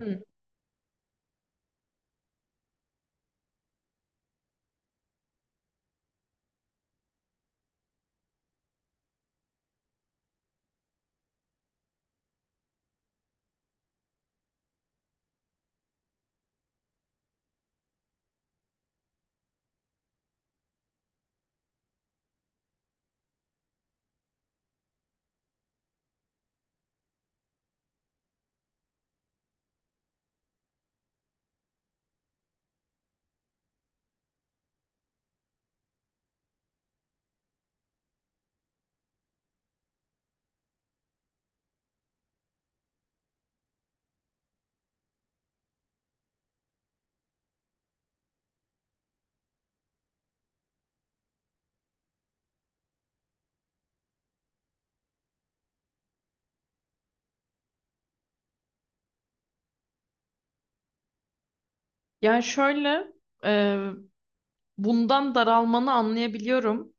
Hı. Yani şöyle, e, bundan daralmanı anlayabiliyorum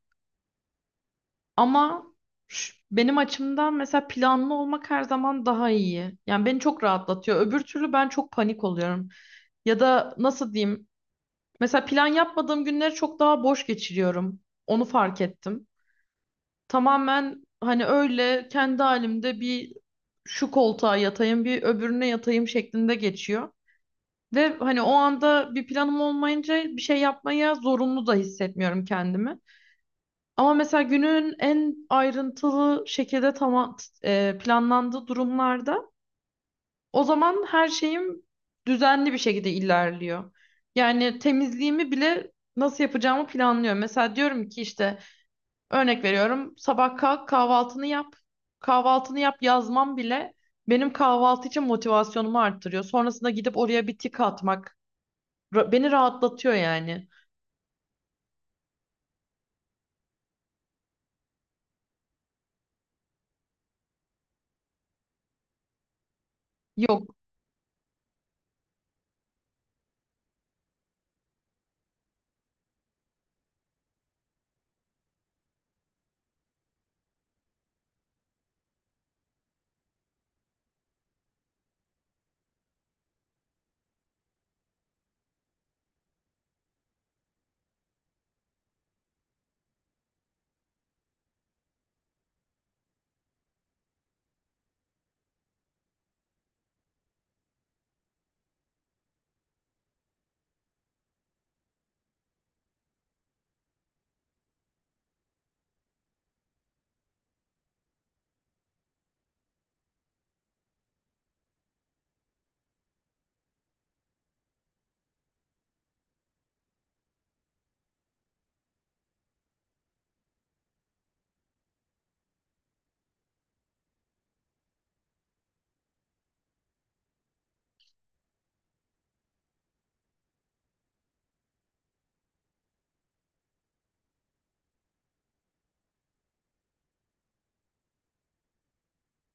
ama benim açımdan mesela planlı olmak her zaman daha iyi. Yani beni çok rahatlatıyor. Öbür türlü ben çok panik oluyorum. Ya da nasıl diyeyim? Mesela plan yapmadığım günleri çok daha boş geçiriyorum. Onu fark ettim. Tamamen hani öyle kendi halimde bir şu koltuğa yatayım, bir öbürüne yatayım şeklinde geçiyor. Ve hani o anda bir planım olmayınca bir şey yapmaya zorunlu da hissetmiyorum kendimi. Ama mesela günün en ayrıntılı şekilde tamam planlandığı durumlarda o zaman her şeyim düzenli bir şekilde ilerliyor. Yani temizliğimi bile nasıl yapacağımı planlıyorum. Mesela diyorum ki işte örnek veriyorum sabah kalk kahvaltını yap. Kahvaltını yap yazmam bile benim kahvaltı için motivasyonumu arttırıyor. Sonrasında gidip oraya bir tik atmak. Beni rahatlatıyor yani. Yok.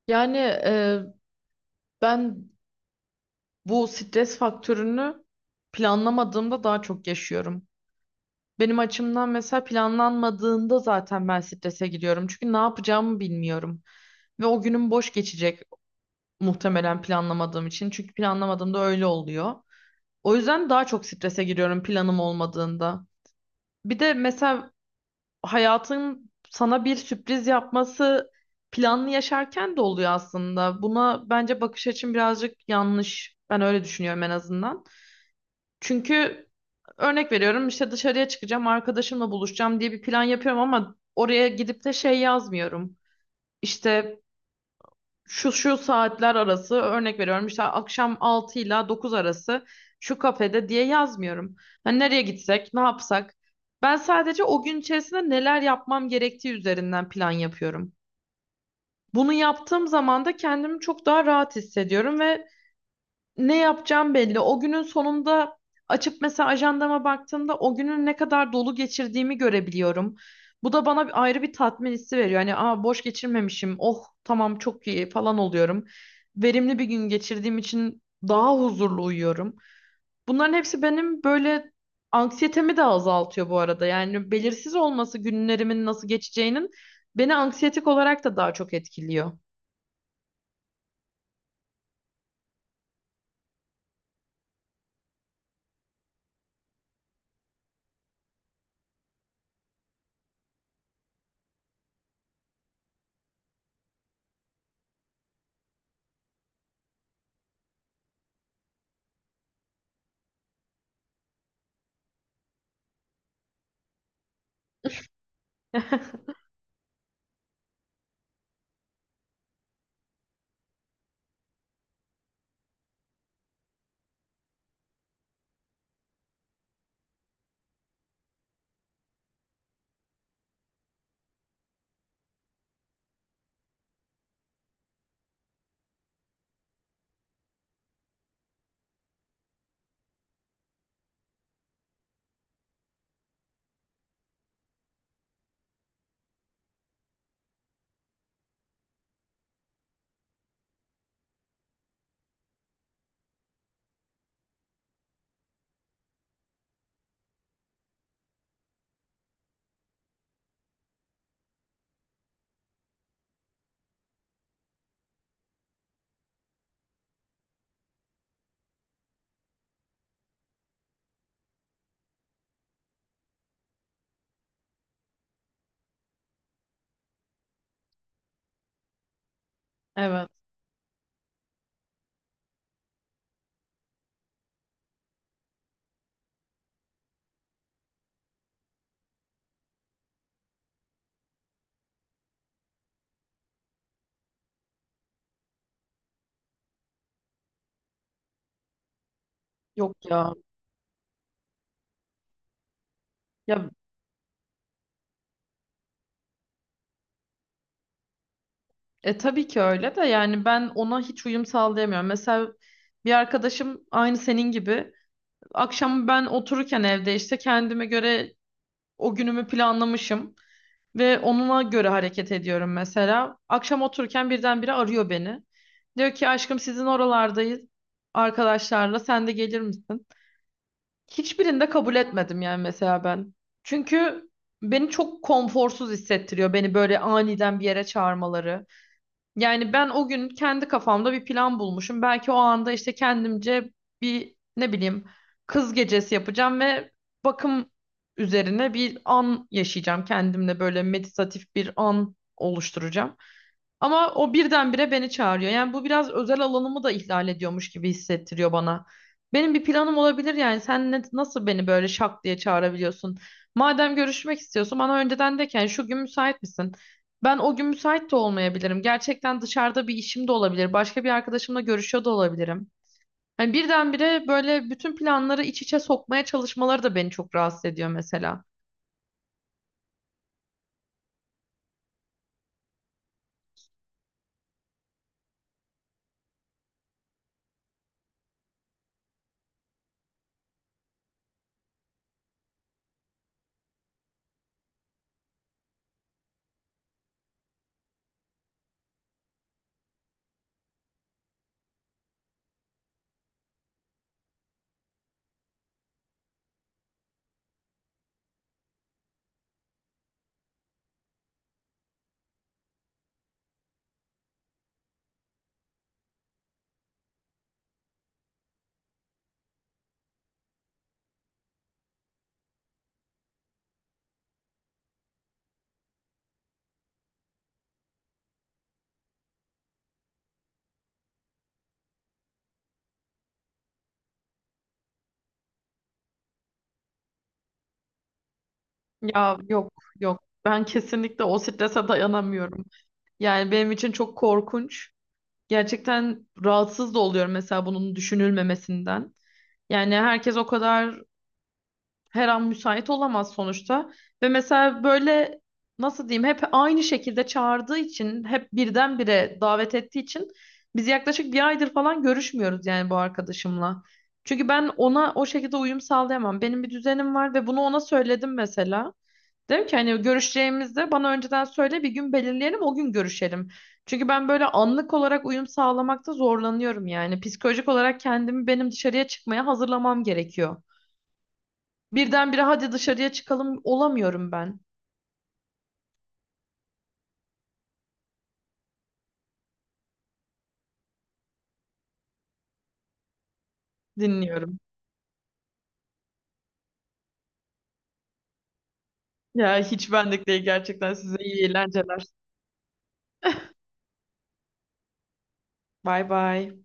Yani ben bu stres faktörünü planlamadığımda daha çok yaşıyorum. Benim açımdan mesela planlanmadığında zaten ben strese giriyorum. Çünkü ne yapacağımı bilmiyorum. Ve o günüm boş geçecek muhtemelen planlamadığım için. Çünkü planlamadığımda öyle oluyor. O yüzden daha çok strese giriyorum planım olmadığında. Bir de mesela hayatın sana bir sürpriz yapması planlı yaşarken de oluyor aslında. Buna bence bakış açım birazcık yanlış. Ben öyle düşünüyorum en azından. Çünkü örnek veriyorum işte dışarıya çıkacağım, arkadaşımla buluşacağım diye bir plan yapıyorum ama oraya gidip de şey yazmıyorum. İşte şu şu saatler arası örnek veriyorum işte akşam 6 ile 9 arası şu kafede diye yazmıyorum. Hani nereye gitsek, ne yapsak? Ben sadece o gün içerisinde neler yapmam gerektiği üzerinden plan yapıyorum. Bunu yaptığım zaman da kendimi çok daha rahat hissediyorum ve ne yapacağım belli. O günün sonunda açıp mesela ajandama baktığımda o günün ne kadar dolu geçirdiğimi görebiliyorum. Bu da bana bir ayrı bir tatmin hissi veriyor. Hani aa boş geçirmemişim. Oh tamam çok iyi falan oluyorum. Verimli bir gün geçirdiğim için daha huzurlu uyuyorum. Bunların hepsi benim böyle anksiyetemi de azaltıyor bu arada. Yani belirsiz olması günlerimin nasıl geçeceğinin beni anksiyetik olarak da daha çok etkiliyor. Evet. Yok ya. Ya tabii ki öyle de yani ben ona hiç uyum sağlayamıyorum. Mesela bir arkadaşım aynı senin gibi akşam ben otururken evde işte kendime göre o günümü planlamışım ve onunla göre hareket ediyorum mesela. Akşam otururken birdenbire arıyor beni. Diyor ki aşkım sizin oralardayız arkadaşlarla sen de gelir misin? Hiçbirinde kabul etmedim yani mesela ben. Çünkü beni çok konforsuz hissettiriyor beni böyle aniden bir yere çağırmaları. Yani ben o gün kendi kafamda bir plan bulmuşum. Belki o anda işte kendimce bir ne bileyim kız gecesi yapacağım ve bakım üzerine bir an yaşayacağım. Kendimle böyle meditatif bir an oluşturacağım. Ama o birdenbire beni çağırıyor. Yani bu biraz özel alanımı da ihlal ediyormuş gibi hissettiriyor bana. Benim bir planım olabilir yani. Sen nasıl beni böyle şak diye çağırabiliyorsun? Madem görüşmek istiyorsun bana önceden de ki "Yani şu gün müsait misin? Ben o gün müsait de olmayabilirim. Gerçekten dışarıda bir işim de olabilir. Başka bir arkadaşımla görüşüyor da olabilirim. Hani birdenbire böyle bütün planları iç içe sokmaya çalışmaları da beni çok rahatsız ediyor mesela. Ya yok yok. Ben kesinlikle o strese dayanamıyorum. Yani benim için çok korkunç. Gerçekten rahatsız da oluyorum mesela bunun düşünülmemesinden. Yani herkes o kadar her an müsait olamaz sonuçta. Ve mesela böyle nasıl diyeyim hep aynı şekilde çağırdığı için hep birdenbire davet ettiği için biz yaklaşık bir aydır falan görüşmüyoruz yani bu arkadaşımla. Çünkü ben ona o şekilde uyum sağlayamam. Benim bir düzenim var ve bunu ona söyledim mesela. Dedim ki hani görüşeceğimizde bana önceden söyle bir gün belirleyelim o gün görüşelim. Çünkü ben böyle anlık olarak uyum sağlamakta zorlanıyorum yani. Psikolojik olarak kendimi benim dışarıya çıkmaya hazırlamam gerekiyor. Birdenbire hadi dışarıya çıkalım olamıyorum ben. Dinliyorum. Ya hiç benlik değil gerçekten size iyi eğlenceler. Bay bay.